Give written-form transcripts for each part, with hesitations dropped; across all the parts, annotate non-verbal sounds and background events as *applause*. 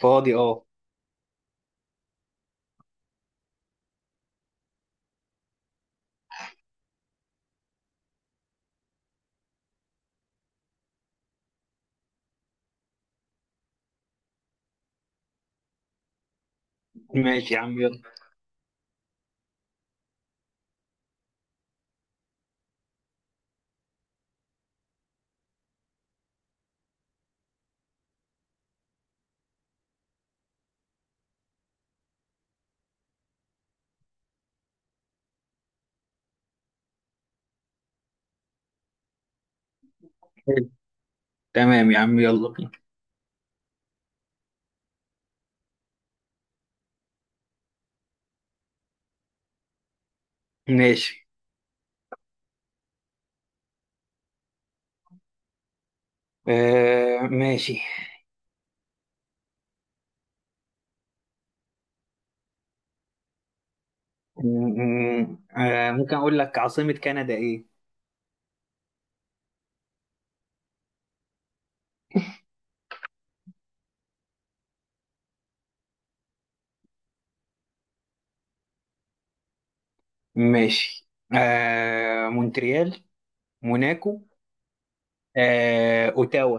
فاضي اه. ماشي يا عم يلا. حلو. تمام يا عم يلا بينا. ماشي. آه، ماشي. ممكن اقول لك، عاصمة كندا ايه؟ ماشي. مونتريال، موناكو، اوتاوا.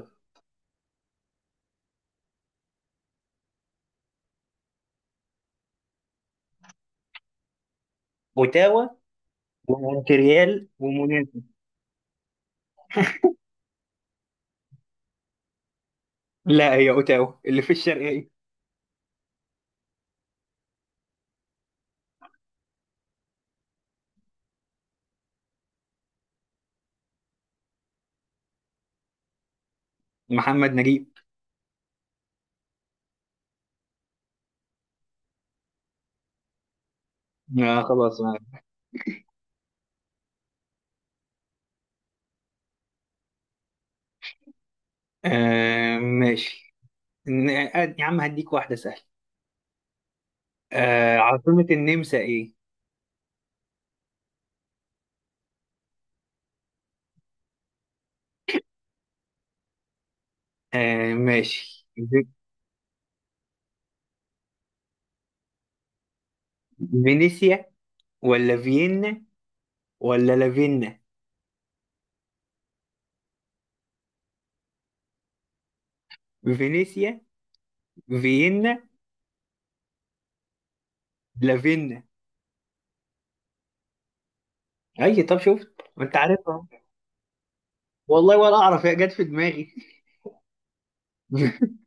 اوتاوا ومونتريال وموناكو. لا، هي اوتاوا اللي في الشرقية. محمد نجيب. آه، خلاص. آه. آه، ماشي. يا عم، هديك واحدة سهلة. عاصمة النمسا ايه؟ آه، ماشي. فينيسيا، ولا فيينا، ولا لافينا؟ فينيسيا. فيينا. لافينا. اي، طب شفت، ما انت عارفها. والله ولا اعرف، هي جت في دماغي. *laughs*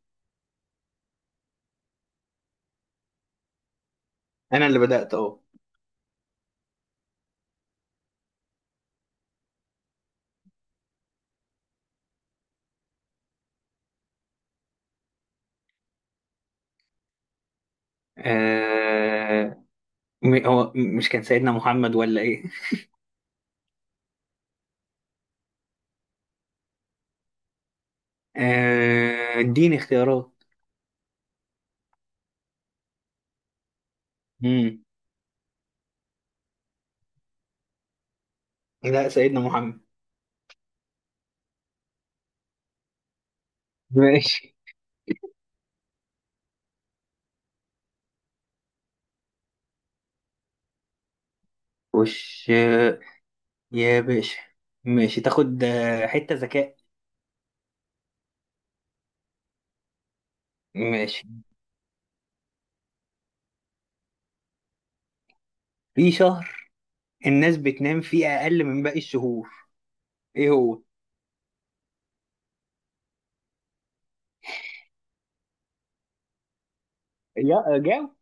انا اللي بدأت اهو. آه، هو مش كان سيدنا محمد ولا ايه؟ اديني اختيارات. مم. لا، سيدنا محمد. ماشي. وش آه، يا باشا. ماشي، تاخد حتة ذكاء. ماشي في شهر الناس بتنام فيه اقل من باقي الشهور. ايه هو؟ يا جاو.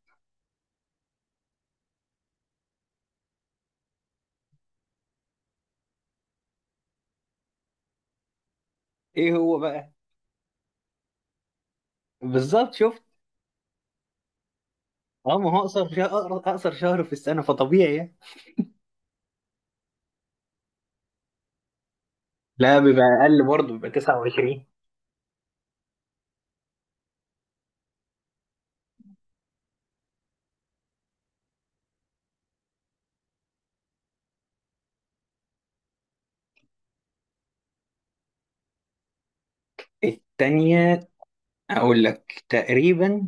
ايه هو بقى؟ بالظبط، شفت؟ اه، ما هو اقصر شهر، اقصر شهر في السنه، فطبيعي يعني. لا، بيبقى اقل برضه، بيبقى 29. التانية؟ اقول لك تقريبا.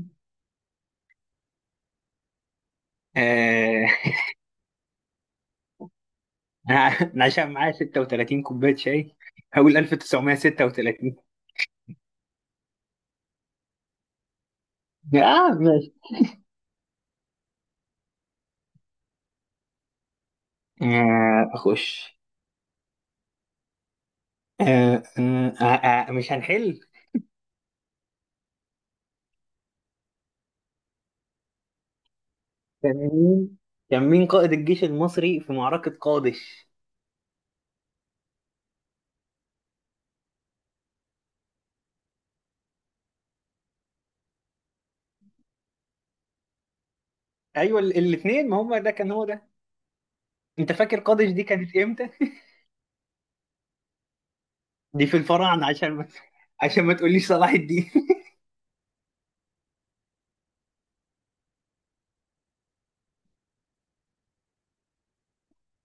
آه *laughs* انا عشان معايا 36 كوبايه شاي، هقول 1936. اه، ماشي. اخش. مش هنحل. كان مين كان مين قائد الجيش المصري في معركه قادش؟ ايوه، الاثنين، ما هم ده كان هو ده. انت فاكر قادش دي كانت امتى؟ *laughs* دي في الفراعنه، عشان ما تقوليش صلاح الدين. *laughs*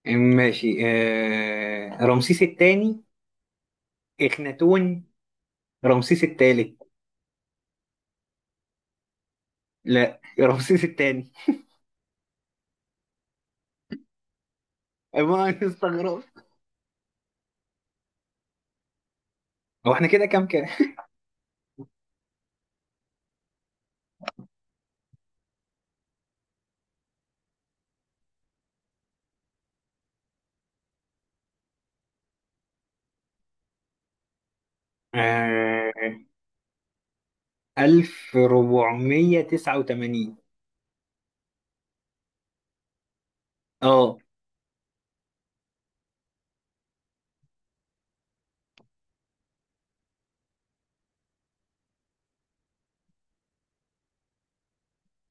ماشي. رمسيس الثاني. اخناتون. رمسيس الثالث. لا، رمسيس الثاني. ما *laughs* أنا استغربت. هو احنا كده كام كام؟ آه... 1489. اه.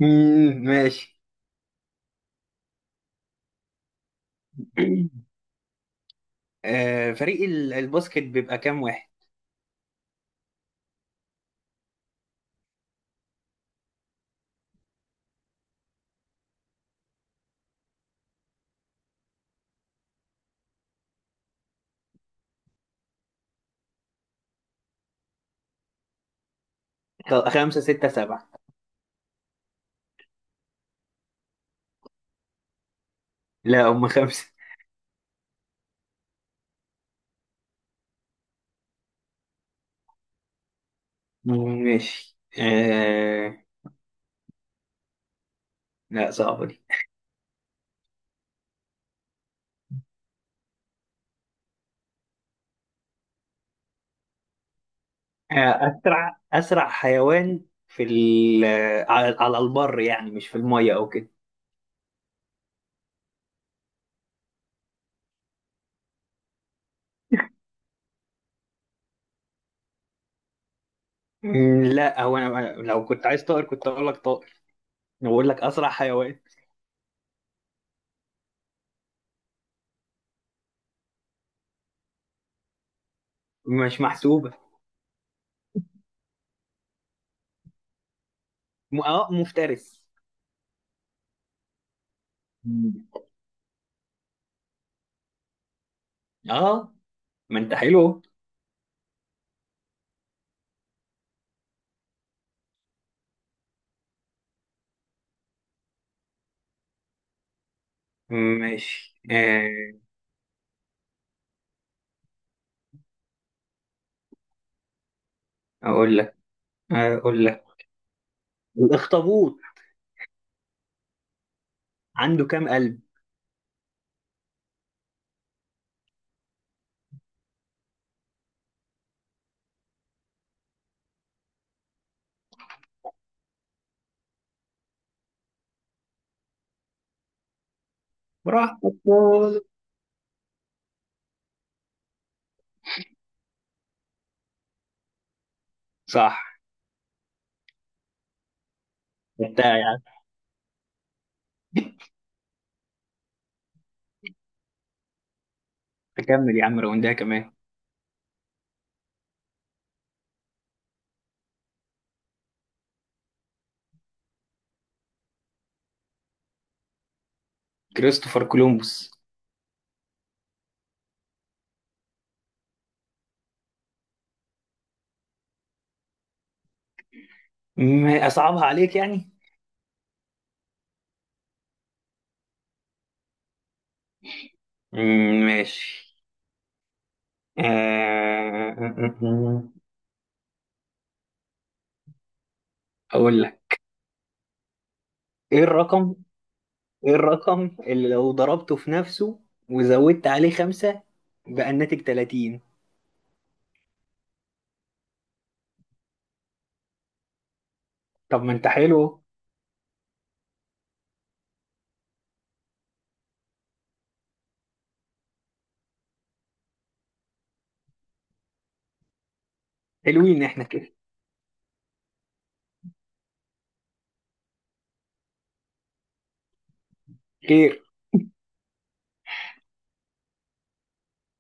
مم، ماشي. *clears throat* فريق الباسكت بيبقى كام واحد؟ خمسة، ستة، سبعة. لا، هم خمسة. مم، ماشي. لا، صعبة دي. اسرع حيوان في ال- على البر، يعني مش في الميه او كده. لا، هو أنا لو كنت عايز طائر كنت اقول لك طائر. أنا بقول لك اسرع حيوان. مش محسوبه. اه، مفترس. مم. اه، ما انت حلو. ماشي. اقول لك اقول لك الاخطبوط، عنده كام قلب؟ براحتك خالص. صح. انت يعني. تكمل يا عم، روندها كمان. كريستوفر كولومبوس. اصعبها عليك يعني. ماشي. آه، آه، آه، آه، آه، آه. اقول لك. ايه الرقم ايه الرقم اللي لو ضربته في نفسه وزودت عليه خمسة بقى الناتج 30؟ طب ما انت حلو. حلوين احنا كده. خير.